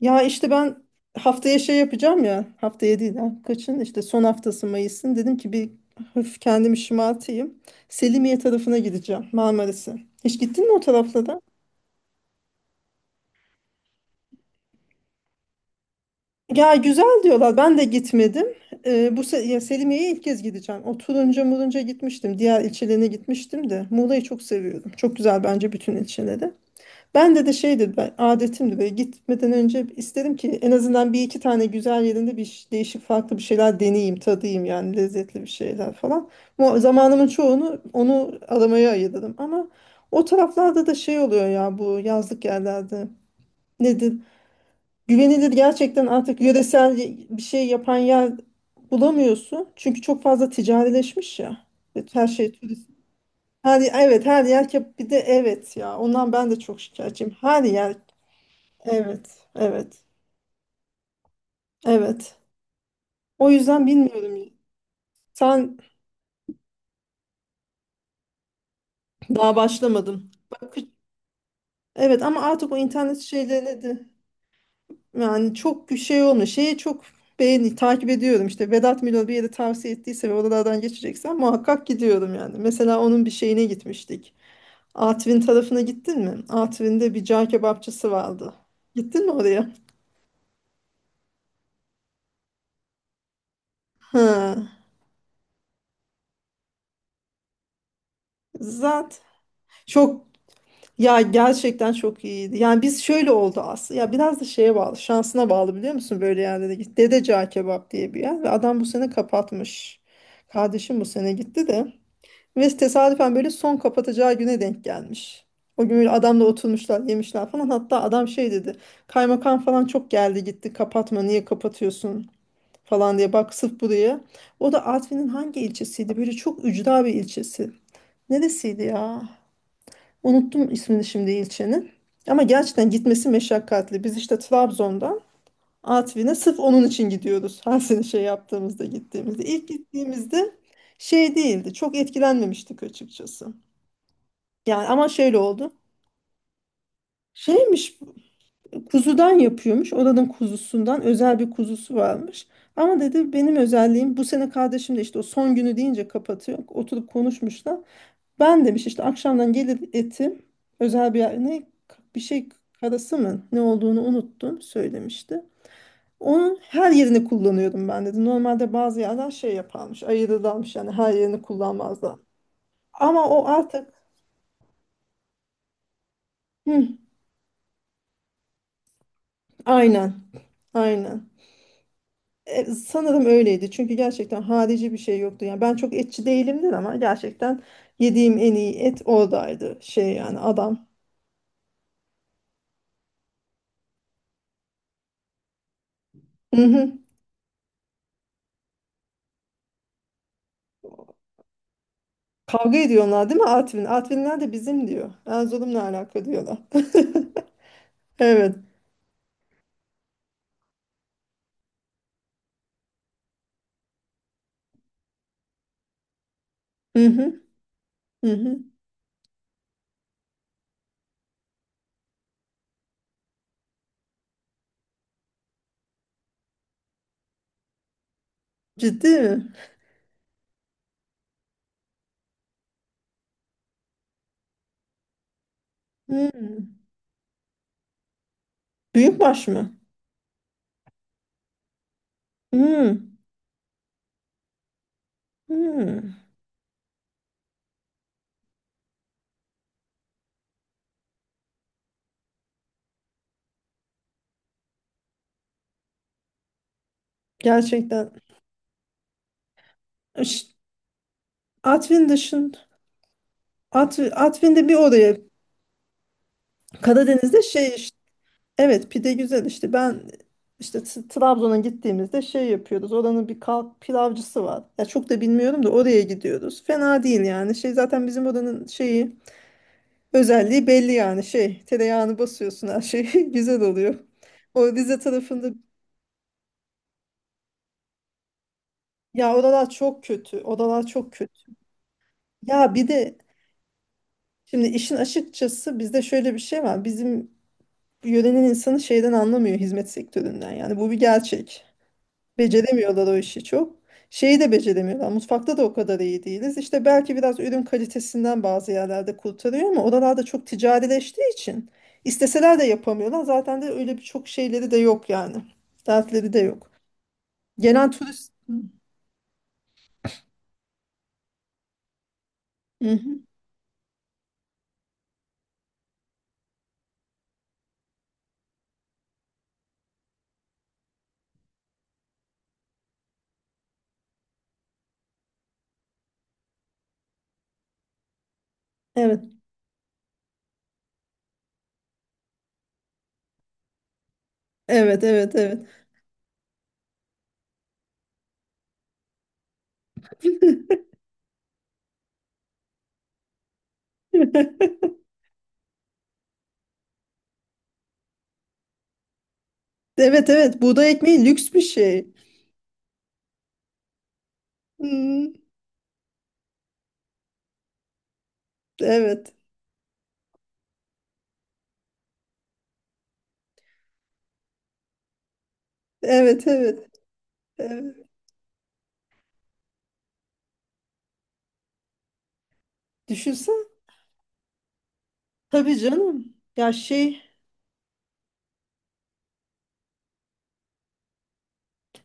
Ya işte ben haftaya şey yapacağım ya. Haftaya değil ha. Kaçın? İşte son haftası Mayıs'ın. Dedim ki bir hafif kendimi şımartayım. Selimiye tarafına gideceğim. Marmaris'e. Hiç gittin mi o taraflara? Ya güzel diyorlar. Ben de gitmedim. Ya Selimiye'ye ilk kez gideceğim. O Turunca Murunca gitmiştim. Diğer ilçelerine gitmiştim de. Muğla'yı çok seviyorum. Çok güzel bence bütün ilçeleri. Ben de şeydi ben, adetimdi böyle gitmeden önce istedim ki en azından bir iki tane güzel yerinde değişik farklı bir şeyler deneyeyim, tadayım yani lezzetli bir şeyler falan. Bu zamanımın çoğunu onu aramaya ayırdım ama o taraflarda da şey oluyor ya, bu yazlık yerlerde nedir? Güvenilir gerçekten artık yöresel bir şey yapan yer bulamıyorsun. Çünkü çok fazla ticarileşmiş ya. Evet, her şey turist. Her, evet, her yer bir de evet ya, ondan ben de çok şikayetçiyim. Her yer Evet, evet, evet. O yüzden bilmiyorum. Sen daha başlamadın. Bak, evet, ama artık o internet şeylerine de yani çok şey olmuyor. Şeye çok beğeni takip ediyorum. İşte Vedat Milor bir yere tavsiye ettiyse ve oralardan geçeceksen muhakkak gidiyorum yani. Mesela onun bir şeyine gitmiştik. Artvin tarafına gittin mi? Artvin'de bir cağ kebapçısı vardı. Gittin mi oraya? Ha. Zaten çok Ya, gerçekten çok iyiydi. Yani biz şöyle oldu aslında. Ya biraz da şeye bağlı, şansına bağlı, biliyor musun böyle yerlere git. Dede Cağ Kebap diye bir yer ve adam bu sene kapatmış. Kardeşim bu sene gitti de. Ve tesadüfen böyle son kapatacağı güne denk gelmiş. O gün böyle adamla oturmuşlar, yemişler falan. Hatta adam şey dedi. Kaymakam falan çok geldi gitti. Kapatma, niye kapatıyorsun falan diye. Bak sırf buraya. O da Artvin'in hangi ilçesiydi? Böyle çok ücra bir ilçesi. Neresiydi ya? Unuttum ismini şimdi ilçenin. Ama gerçekten gitmesi meşakkatli. Biz işte Trabzon'dan Artvin'e sırf onun için gidiyoruz. Her sene şey yaptığımızda, gittiğimizde. İlk gittiğimizde şey değildi. Çok etkilenmemiştik açıkçası. Yani ama şöyle oldu. Şeymiş, kuzudan yapıyormuş. Oranın kuzusundan özel bir kuzusu varmış. Ama dedi, benim özelliğim bu sene kardeşim de işte o son günü deyince kapatıyor. Oturup konuşmuşlar. Ben demiş işte akşamdan gelir etim, özel ne bir şey karası mı ne olduğunu unuttum söylemişti. Onun her yerini kullanıyordum ben dedi. Normalde bazı yerler şey yaparmış, ayırırlarmış, yani her yerini kullanmazlar. Ama o artık hı, aynen, aynen. Sanırım öyleydi çünkü gerçekten harici bir şey yoktu. Yani ben çok etçi değilimdir ama gerçekten yediğim en iyi et oradaydı, şey yani adam. Hı hı. Kavga ediyorlar değil mi Artvin? Artvinler de bizim diyor. Erzurum'la alaka diyorlar. Evet. Hı hı, hı hı. Ciddi mi? Hı. Büyükbaş mı? Hı. Hı. Gerçekten. Ş- Artvin dışın Artvin'de bir oraya. Karadeniz'de şey işte. Evet, pide güzel işte ben Trabzon'a gittiğimizde şey yapıyoruz. Oranın bir kalk pilavcısı var. Ya çok da bilmiyorum da oraya gidiyoruz. Fena değil yani. Şey zaten bizim oranın şeyi, özelliği belli yani, şey tereyağını basıyorsun her şey güzel oluyor. O Rize tarafında, ya oralar çok kötü, odalar çok kötü. Ya bir de şimdi işin açıkçası bizde şöyle bir şey var, bizim yörenin insanı şeyden anlamıyor, hizmet sektöründen, yani bu bir gerçek. Beceremiyorlar o işi çok. Şeyi de beceremiyorlar. Mutfakta da o kadar iyi değiliz. İşte belki biraz ürün kalitesinden bazı yerlerde kurtarıyor ama oralarda çok ticarileştiği için isteseler de yapamıyorlar. Zaten de öyle birçok şeyleri de yok yani. Dertleri de yok. Gelen turist... Hı hı. Evet. Evet, evet, evet. Evet, evet. Buğday ekmeği lüks bir şey. Hmm, evet. Evet, evet. Evet. Düşünsen. Tabii canım. Ya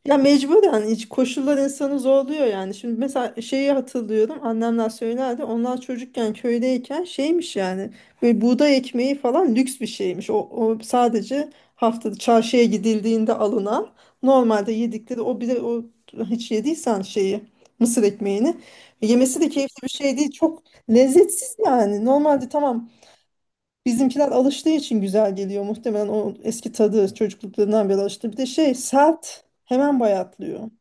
ya mecburen iç koşullar insanı zorluyor yani. Şimdi mesela şeyi hatırlıyorum, annemler söylerdi. Onlar çocukken köydeyken şeymiş yani, böyle buğday ekmeği falan lüks bir şeymiş. O sadece haftada çarşıya gidildiğinde alınan, normalde yedikleri o bile, o hiç yediysen şeyi, mısır ekmeğini yemesi de keyifli bir şey değil. Çok lezzetsiz yani. Normalde tamam bizimkiler alıştığı için güzel geliyor muhtemelen, o eski tadı çocukluklarından beri alıştı. Bir de şey, sert, hemen bayatlıyor.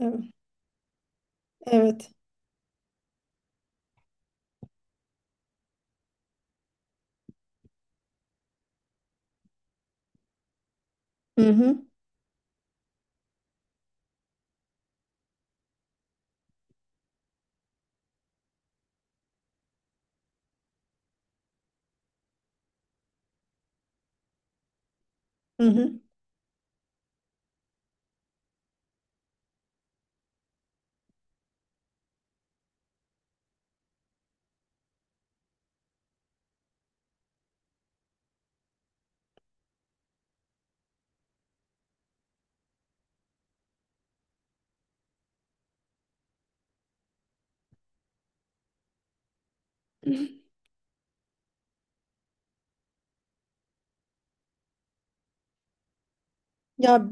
Evet. Evet. Hı hı. Hı hı. Ya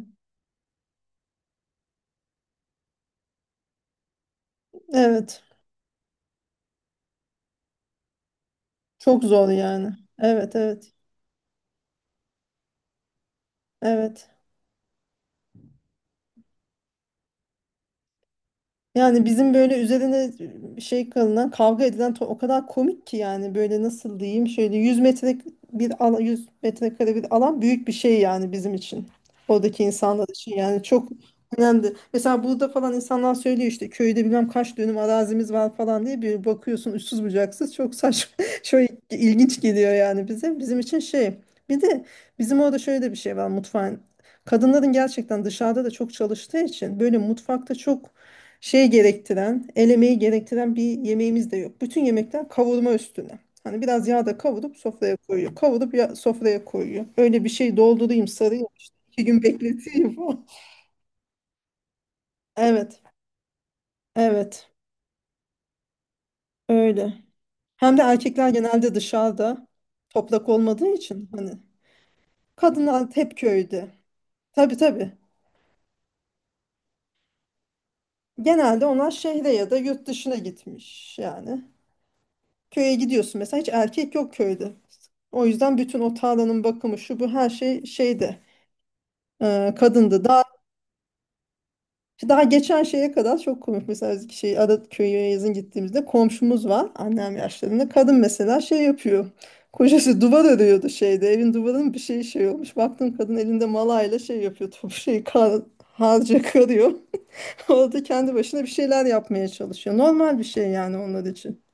evet. Çok zor yani. Evet, evet. Evet. Yani bizim böyle üzerine şey kalınan, kavga edilen, o kadar komik ki yani, böyle nasıl diyeyim, şöyle 100 metre bir alan, 100 metrekare bir alan, büyük bir şey yani bizim için. Oradaki insanlar için yani çok önemli. Mesela burada falan insanlar söylüyor işte, köyde bilmem kaç dönüm arazimiz var falan diye, bir bakıyorsun uçsuz bucaksız, çok saçma çok ilginç geliyor yani bize. Bizim için şey, bir de bizim orada şöyle de bir şey var mutfağın. Kadınların gerçekten dışarıda da çok çalıştığı için böyle mutfakta çok şey gerektiren, el emeği gerektiren bir yemeğimiz de yok. Bütün yemekler kavurma üstüne. Hani biraz yağda kavurup sofraya koyuyor. Kavurup ya sofraya koyuyor. Öyle bir şey doldurayım, sarayım işte. İki gün bekleteyim falan. Evet, evet. Öyle. Hem de erkekler genelde dışarıda, toprak olmadığı için hani, kadınlar hep köyde. Tabii tabii. Genelde onlar şehre ya da yurt dışına gitmiş yani. Köye gidiyorsun mesela hiç erkek yok köyde. O yüzden bütün o tarlanın bakımı, şu bu, her şey şeyde kadındı. Daha geçen şeye kadar çok komik, mesela biz şey Adat köyü yazın gittiğimizde komşumuz var, annem yaşlarında kadın, mesela şey yapıyor. Kocası duvar örüyordu şeyde, evin duvarının bir şey olmuş. Baktım kadın elinde malayla şey yapıyor, top şey kar, harca karıyor. Orada kendi başına bir şeyler yapmaya çalışıyor. Normal bir şey yani onlar için.